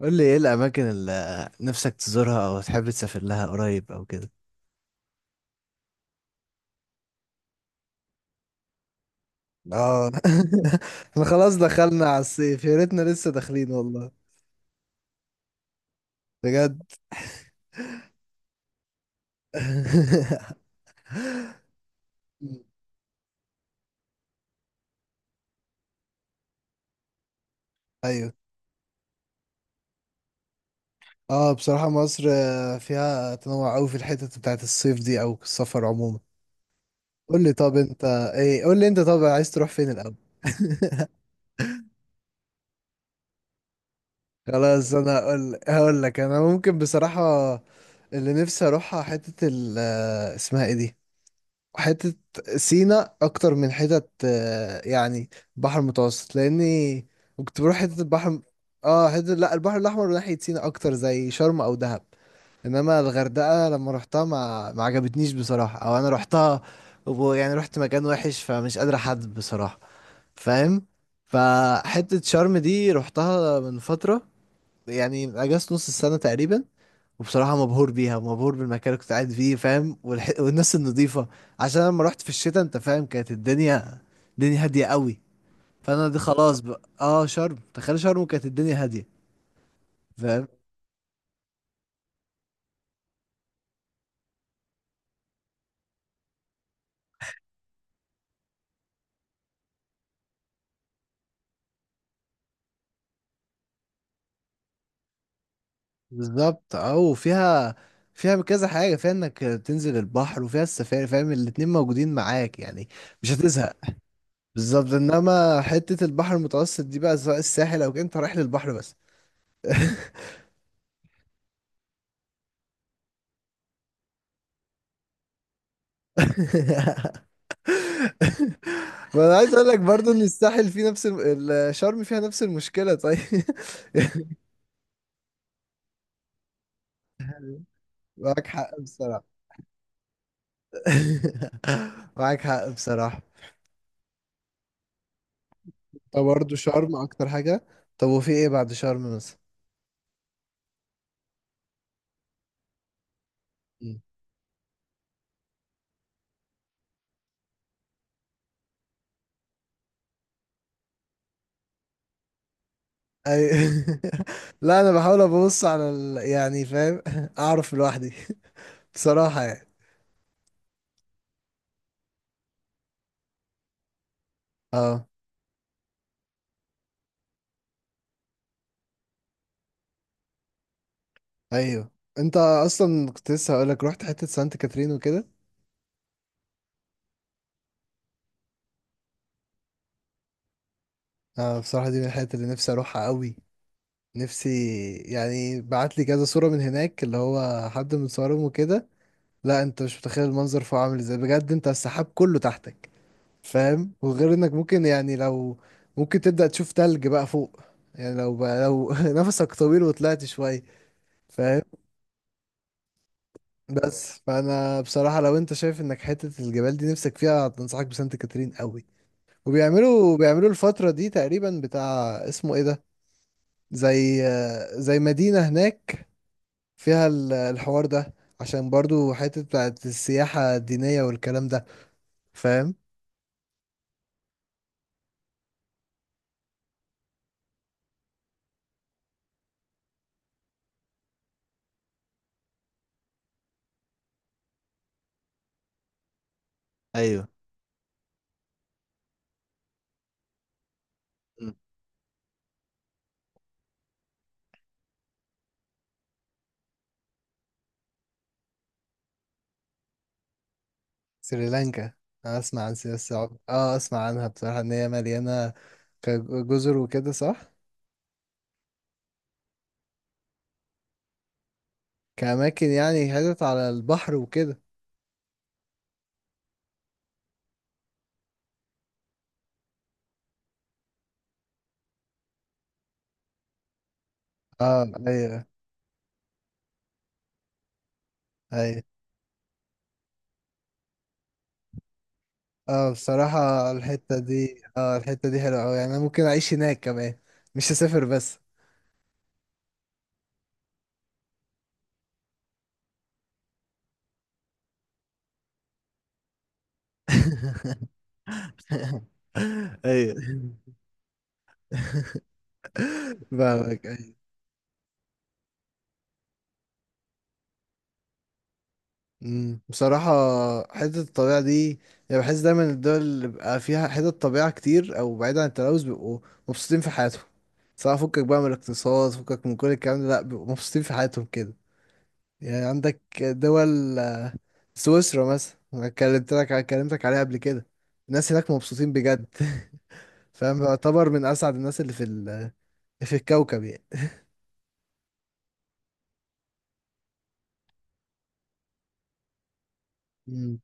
قول لي ايه الاماكن اللي نفسك تزورها او تحب تسافر لها قريب او كده. اه احنا خلاص دخلنا على الصيف، يا ريتنا لسه داخلين والله، بجد. ايوه. اه بصراحة مصر فيها تنوع قوي في الحتت بتاعت الصيف دي او السفر عموما. قول لي طب انت، ايه، قول لي انت، طب عايز تروح فين الاول؟ خلاص انا هقول لك، انا ممكن بصراحة اللي نفسي اروحها حتة ال آه، اسمها ايه دي، حتة سينا أكتر، من حتة يعني بحر المتوسط، لأني كنت بروح حتة البحر. اه حتة، لا، البحر الأحمر ناحية سينا أكتر، زي شرم أو دهب. إنما الغردقة لما روحتها ما عجبتنيش بصراحة، أو أنا روحتها ويعني رحت مكان وحش، فمش قادر أحدد بصراحة، فاهم؟ فحتة شرم دي روحتها من فترة، يعني من أجازة نص السنة تقريبا، وبصراحة مبهور بيها، مبهور بالمكان اللي كنت قاعد فيه، فاهم؟ والناس النظيفة. عشان أنا لما رحت في الشتاء، انت فاهم، كانت الدنيا هادية قوي. فانا دي خلاص بقى، اه شرم، تخيل شرم كانت الدنيا هادية، فاهم؟ بالظبط. اه وفيها كذا حاجة، فيها انك تنزل البحر وفيها السفاري، فاهم؟ الاتنين موجودين معاك، يعني مش هتزهق. بالظبط، انما حتة البحر المتوسط دي بقى، سواء الساحل او كده، انت رايح للبحر بس. ما انا عايز اقول لك برضو ان الساحل فيه نفس شرم، فيها نفس المشكلة، طيب. معاك حق بصراحة. معاك حق بصراحة. طب برضو شرم اكتر حاجة؟ طب وفي ايه بعد شرم مثلا؟ مم. أي... لا انا بحاول ابص على يعني فاهم اعرف لوحدي بصراحة يعني. اه. ايوه انت اصلا كنت لسه هقول لك، رحت حتة سانت كاترين وكده. اه بصراحة دي من الحتت اللي نفسي اروحها قوي، نفسي. يعني بعت لي كذا صورة من هناك، اللي هو حد من صورهم وكده. لا انت مش متخيل المنظر فوق عامل ازاي، بجد، انت السحاب كله تحتك، فاهم؟ وغير انك ممكن يعني لو ممكن تبدأ تشوف تلج بقى فوق، يعني لو بقى لو نفسك طويل وطلعت شوية، فاهم؟ بس فانا بصراحة لو انت شايف انك حتة الجبال دي نفسك فيها، انصحك بسانت كاترين قوي. وبيعملوا الفترة دي تقريبا بتاع اسمه ايه ده، زي مدينة هناك فيها الحوار ده، عشان برضو حتة بتاعت السياحة الدينية والكلام ده، فاهم؟ ايوه. مم. سريلانكا. أنا أسمع عن سياسة السعودية، أه أسمع عنها بصراحة، إن هي مليانة كجزر وكده، صح؟ كأماكن يعني، حتت على البحر وكده. أه أيوه أيوه. أه بصراحة الحتة دي، أه الحتة دي حلوة أوي، يعني أنا ممكن أعيش هناك كمان، مش هسافر بس. ايوه فاهمك. مم. بصراحة حتة الطبيعة دي، يعني بحس دايما الدول اللي بيبقى فيها حتة طبيعة كتير أو بعيد عن التلوث، بيبقوا مبسوطين في حياتهم، سواء فكك بقى من الاقتصاد، فكك من كل الكلام ده، لأ بيبقوا مبسوطين في حياتهم كده. يعني عندك دول، سويسرا مثلا، أنا كلمتك عليها قبل كده، الناس هناك مبسوطين بجد. فاهم، يعتبر من أسعد الناس اللي في في الكوكب يعني. مم.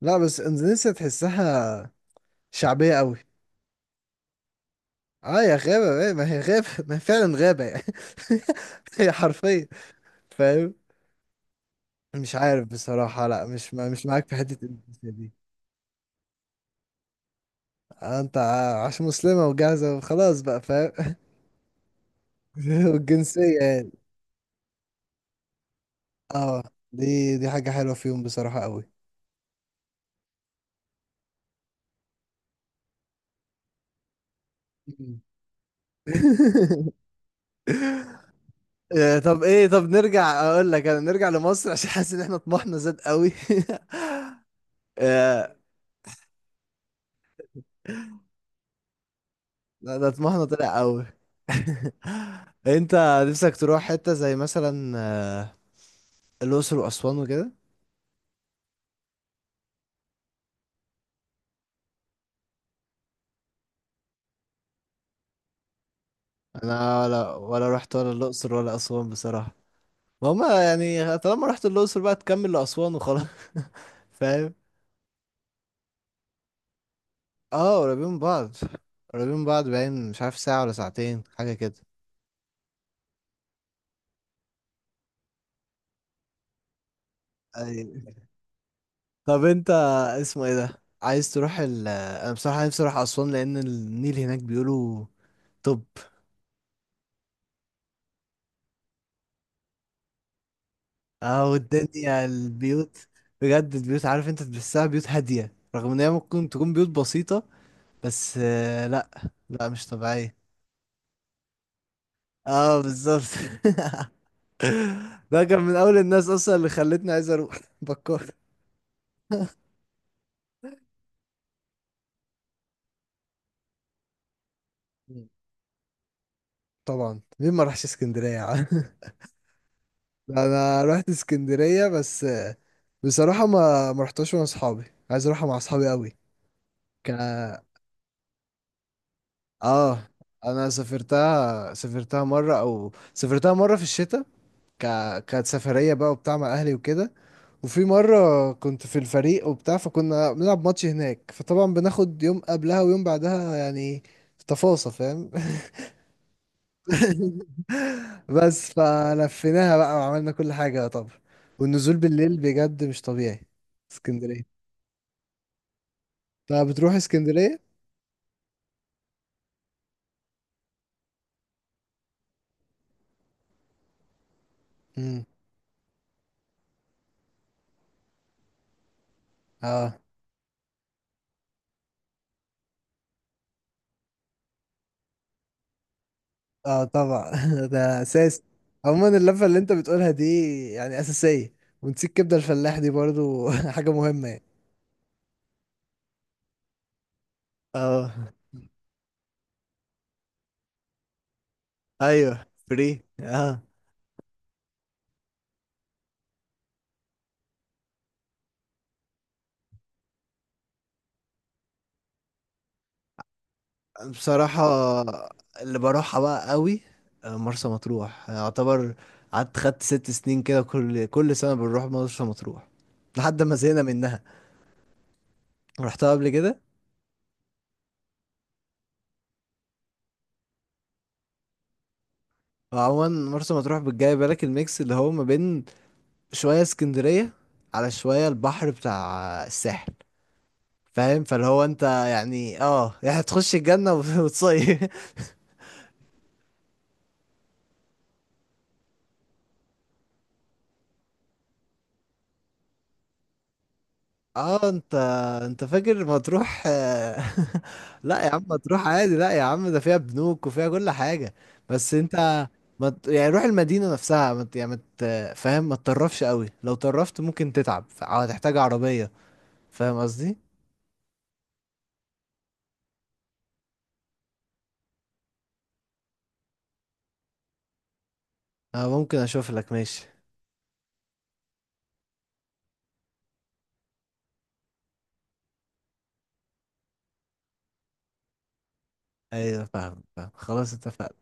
لا بس إندونيسيا تحسها شعبية أوي. اه يا غابة، ايه ما هي غابة، ما هي فعلا غابة يعني. هي حرفيا، فاهم؟ مش عارف بصراحة، لا مش، ما مش معاك في حتة الجنسية دي. انت عشان مسلمة وجاهزة وخلاص بقى، فاهم؟ والجنسية يعني. اه دي حاجة حلوة فيهم بصراحة، قوي. مم. طب ايه، طب نرجع، اقول لك انا نرجع لمصر، عشان حاسس ان احنا طموحنا زاد قوي. لا ده طموحنا طلع قوي. انت نفسك تروح حتة زي مثلا الأقصر وأسوان وكده؟ انا ولا رحت ولا الأقصر ولا أسوان بصراحة. وهما يعني طالما رحت الأقصر بقى تكمل لأسوان وخلاص. فاهم؟ اه قريبين من بعض، قريبين من بعض، باين، مش عارف ساعة ولا ساعتين، حاجة كده. أي. طب انت اسمه ايه ده، عايز تروح انا بصراحة نفسي اروح أسوان لأن النيل هناك بيقولوا. طب. اه والدنيا البيوت، بجد البيوت، عارف انت، تحسها بيوت هادية رغم ان هي ممكن تكون بيوت بسيطة، بس لا، لا مش طبيعية. اه بالظبط. ده كان من اول الناس اصلا اللي خلتني عايز اروح بكار. مم. طبعا مين ما راحش اسكندرية يا عم؟ لا، انا رحت اسكندرية بس بصراحة ما رحتهاش مع اصحابي، عايز اروحها مع اصحابي قوي. ك اه انا سافرتها مرة، او سافرتها مرة في الشتاء. ك... كانت سفرية بقى وبتاع مع أهلي وكده. وفي مرة كنت في الفريق وبتاع، فكنا بنلعب ماتش هناك، فطبعا بناخد يوم قبلها ويوم بعدها، يعني تفاصيل، فاهم؟ بس فلفيناها بقى وعملنا كل حاجة طبعا، والنزول بالليل بجد مش طبيعي. اسكندرية. طب بتروح اسكندرية؟ امم اه. اه طبعا. ده أساس، عموما اللفة اللي انت بتقولها دي يعني أساسية، ونسيت كبدة الفلاح دي برضو حاجة مهمة يعني. اه ايوه، فري، اه. بصراحة اللي بروحها بقى قوي مرسى مطروح يعتبر. قعدت خدت 6 سنين كده، كل سنة بنروح مرسى مطروح لحد ما زهقنا منها، رحتها قبل كده. وعموما مرسى مطروح بتجاي بالك الميكس اللي هو ما بين شوية اسكندرية على شوية البحر بتاع الساحل، فاهم؟ فاللي هو انت يعني، اه يعني هتخش الجنة وتصيف. اه انت، انت فاكر مطروح لا يا عم، مطروح عادي، لا يا عم ده فيها بنوك وفيها كل حاجة. بس انت ما ت- يعني روح المدينة نفسها ما ت- يعني ما ت- فاهم، ما تطرفش قوي، لو طرفت ممكن تتعب او هتحتاج عربية، فاهم قصدي؟ اه ممكن اشوف لك، ماشي. ايوه فاهم، فاهم، خلاص اتفقنا.